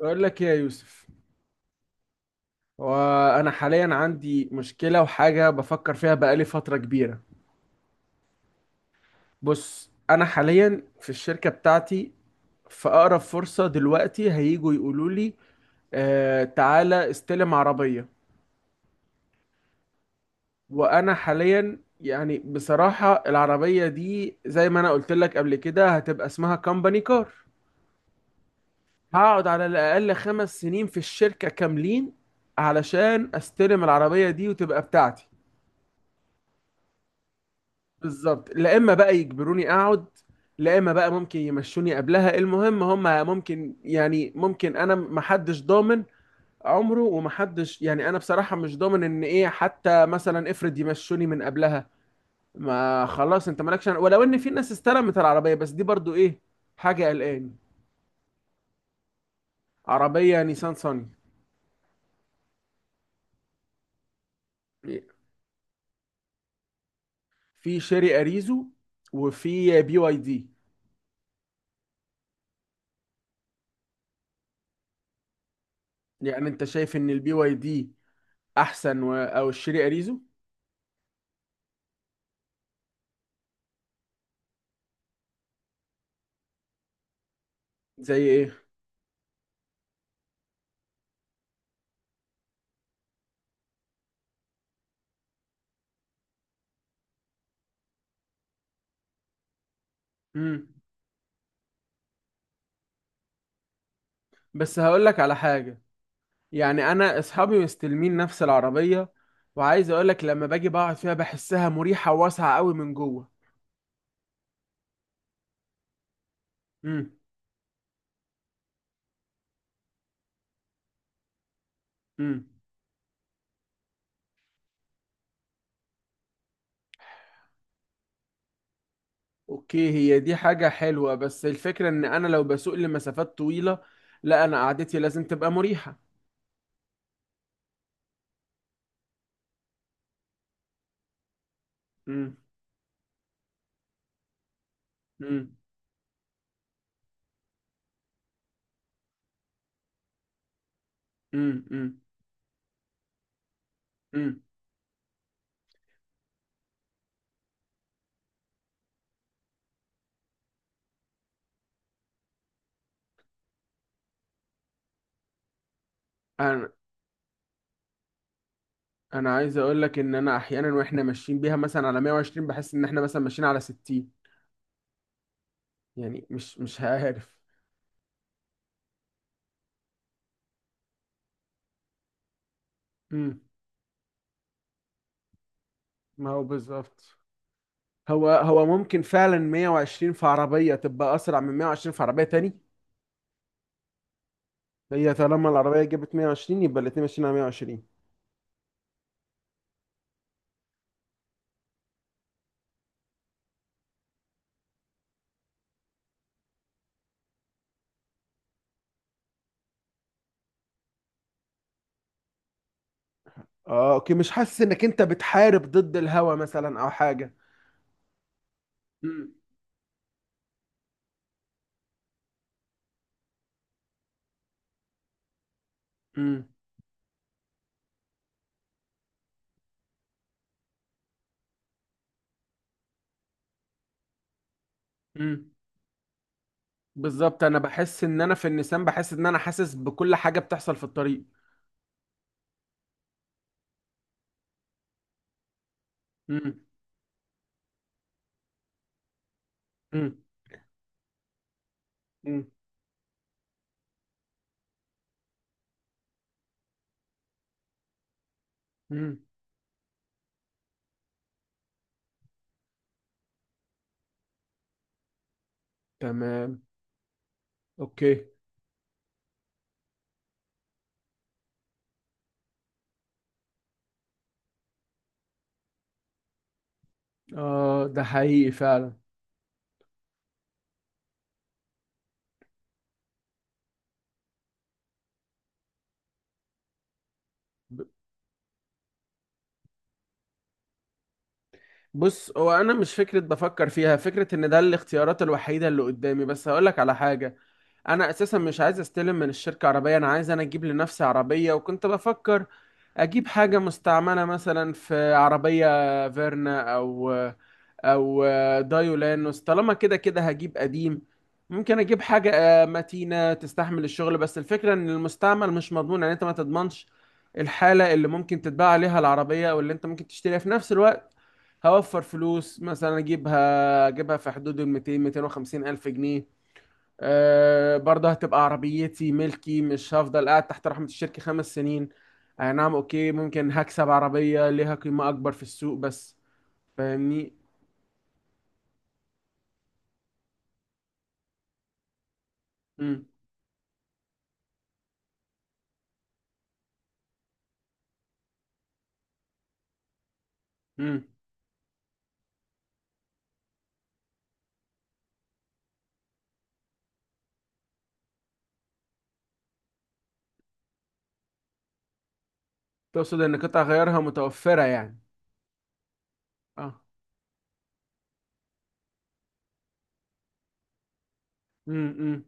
أقول لك إيه يا يوسف؟ وأنا حاليا عندي مشكلة وحاجة بفكر فيها بقالي فترة كبيرة. بص، أنا حاليا في الشركة بتاعتي في أقرب فرصة دلوقتي هيجوا يقولوا لي: آه تعالى استلم عربية. وأنا حاليا يعني بصراحة العربية دي زي ما أنا قلت لك قبل كده هتبقى اسمها كومباني كار. هقعد على الأقل 5 سنين في الشركة كاملين علشان استلم العربية دي وتبقى بتاعتي. بالظبط، لا اما بقى يجبروني اقعد، لا اما بقى ممكن يمشوني قبلها. المهم هم ممكن يعني ممكن، انا محدش ضامن عمره، ومحدش يعني انا بصراحة مش ضامن ان ايه، حتى مثلا افرض يمشوني من قبلها. ما خلاص انت مالكش ولو ان في ناس استلمت العربية، بس دي برضو ايه، حاجة قلقاني. عربية نيسان صني. في شيري اريزو، وفي بي واي دي. يعني انت شايف ان البي واي دي احسن او الشيري اريزو؟ زي ايه؟ امم. بس هقولك على حاجة. يعني أنا أصحابي مستلمين نفس العربية، وعايز أقولك لما باجي بقعد فيها بحسها مريحة وواسعة قوي من جوه. امم، امم. أوكي، هي دي حاجة حلوة، بس الفكرة إن أنا لو بسوق لمسافات طويلة، لا أنا قعدتي لازم تبقى مريحة. امم، امم، امم، امم، امم. أنا أنا عايز أقولك إن أنا أحيانا وإحنا ماشيين بيها مثلا على 120، بحس إن إحنا مثلا ماشيين على 60. يعني مش عارف. امم. ما هو بالظبط. هو هو ممكن فعلا 120 في عربية تبقى أسرع من 120 في عربية تاني؟ هي طالما العربية جابت 120 يبقى الاتنين ماشيين على 120. اه، اوكي، مش حاسس انك انت بتحارب ضد الهوا مثلا او حاجة؟ امم، امم، امم. بالظبط، انا بحس ان انا في النسيان بحس ان انا حاسس بكل حاجة بتحصل في الطريق. امم، امم، امم، امم. تمام. اوكي. اه، ده حقيقي فعلا. بص، هو انا مش فكره بفكر فيها، فكره ان ده الاختيارات الوحيده اللي قدامي، بس هقول لك على حاجه. انا اساسا مش عايز استلم من الشركه عربيه، انا عايز انا اجيب لنفسي عربيه، وكنت بفكر اجيب حاجه مستعمله مثلا، في عربيه فيرنا او دايولانوس، طالما كده كده هجيب قديم. ممكن اجيب حاجه متينه تستحمل الشغل، بس الفكره ان المستعمل مش مضمون، يعني انت ما تضمنش الحاله اللي ممكن تتباع عليها العربيه او اللي انت ممكن تشتريها في نفس الوقت. هوفر فلوس مثلا، اجيبها في حدود ال 200-250 ألف جنيه. أه، برضه هتبقى عربيتي ملكي، مش هفضل قاعد تحت رحمة الشركة 5 سنين. أي نعم، أوكي ممكن هكسب عربية ليها قيمة أكبر في السوق، بس فاهمني. امم. تقصد ان قطع غيارها متوفرة يعني؟ اه. امم.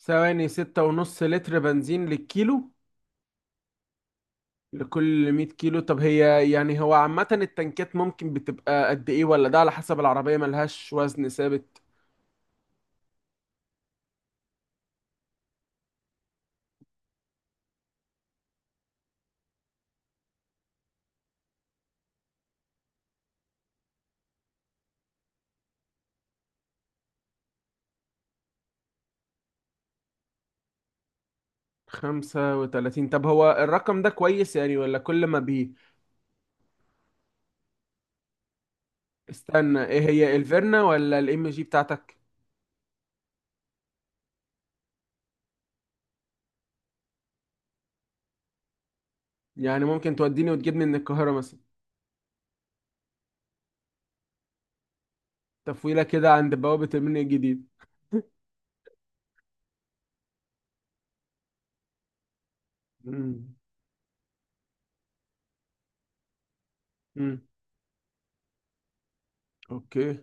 ثواني، 6.5 لتر بنزين للكيلو؟ لكل 100 كيلو؟ طب هي يعني هو عامة التنكات ممكن بتبقى قد ايه، ولا ده على حسب العربية ملهاش وزن ثابت؟ 35؟ طب هو الرقم ده كويس يعني، ولا كل ما بي. استنى، ايه هي الفيرنا ولا الام جي بتاعتك؟ يعني ممكن توديني وتجيبني من القاهرة مثلا؟ تفويلة كده عند بوابة المنيا الجديد. امم، امم. اوكي.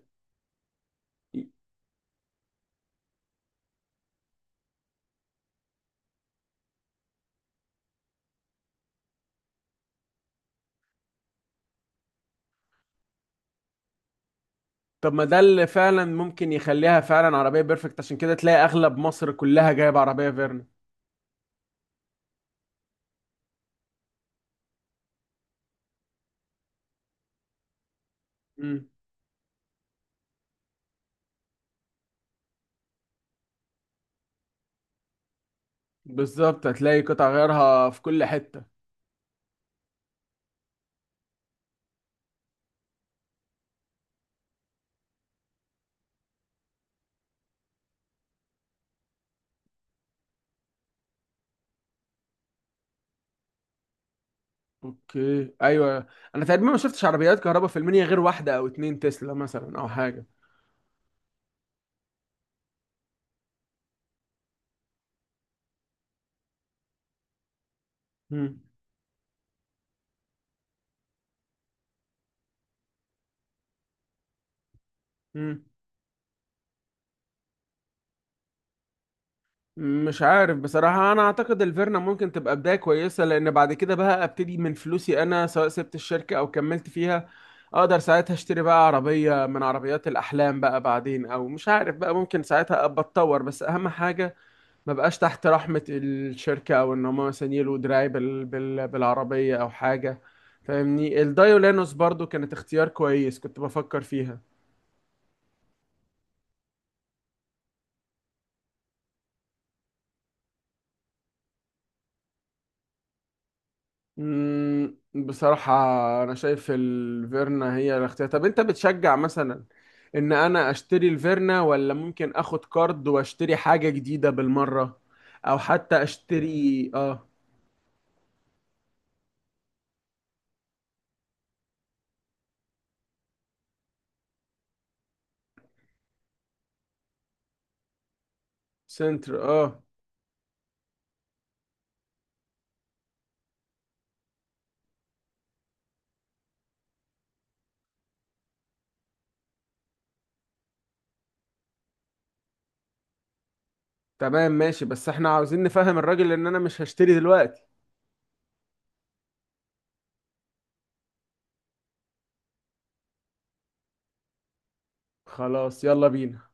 طب ما ده اللي فعلا ممكن يخليها فعلا عربية بيرفكت، عشان كده تلاقي اغلب مصر كلها جايبة عربية فيرنا. امم. بالظبط، هتلاقي قطع غيارها في كل حتة. اوكي، ايوه. انا تقريبا ما شفتش عربيات كهرباء في المنيا غير واحدة او اتنين، تسلا مثلا او حاجة. امم. مش عارف بصراحة، أنا أعتقد الفيرنا ممكن تبقى بداية كويسة، لأن بعد كده بقى أبتدي من فلوسي أنا، سواء سبت الشركة أو كملت فيها. أقدر ساعتها أشتري بقى عربية من عربيات الأحلام بقى بعدين، أو مش عارف بقى، ممكن ساعتها أبقى أتطور، بس أهم حاجة ما بقاش تحت رحمة الشركة، أو إن هما مثلا يلوا دراعي بالعربية أو حاجة. فاهمني؟ الدايولانوس برضو كانت اختيار كويس، كنت بفكر فيها. بصراحة، أنا شايف الفيرنا هي الاختيار. طب أنت بتشجع مثلا إن أنا أشتري الفيرنا، ولا ممكن آخد كارد وأشتري حاجة جديدة بالمرة، أو حتى أشتري سنتر؟ آه. تمام، ماشي، بس إحنا عاوزين نفهم الراجل إن أنا مش هشتري دلوقتي. خلاص يلا بينا.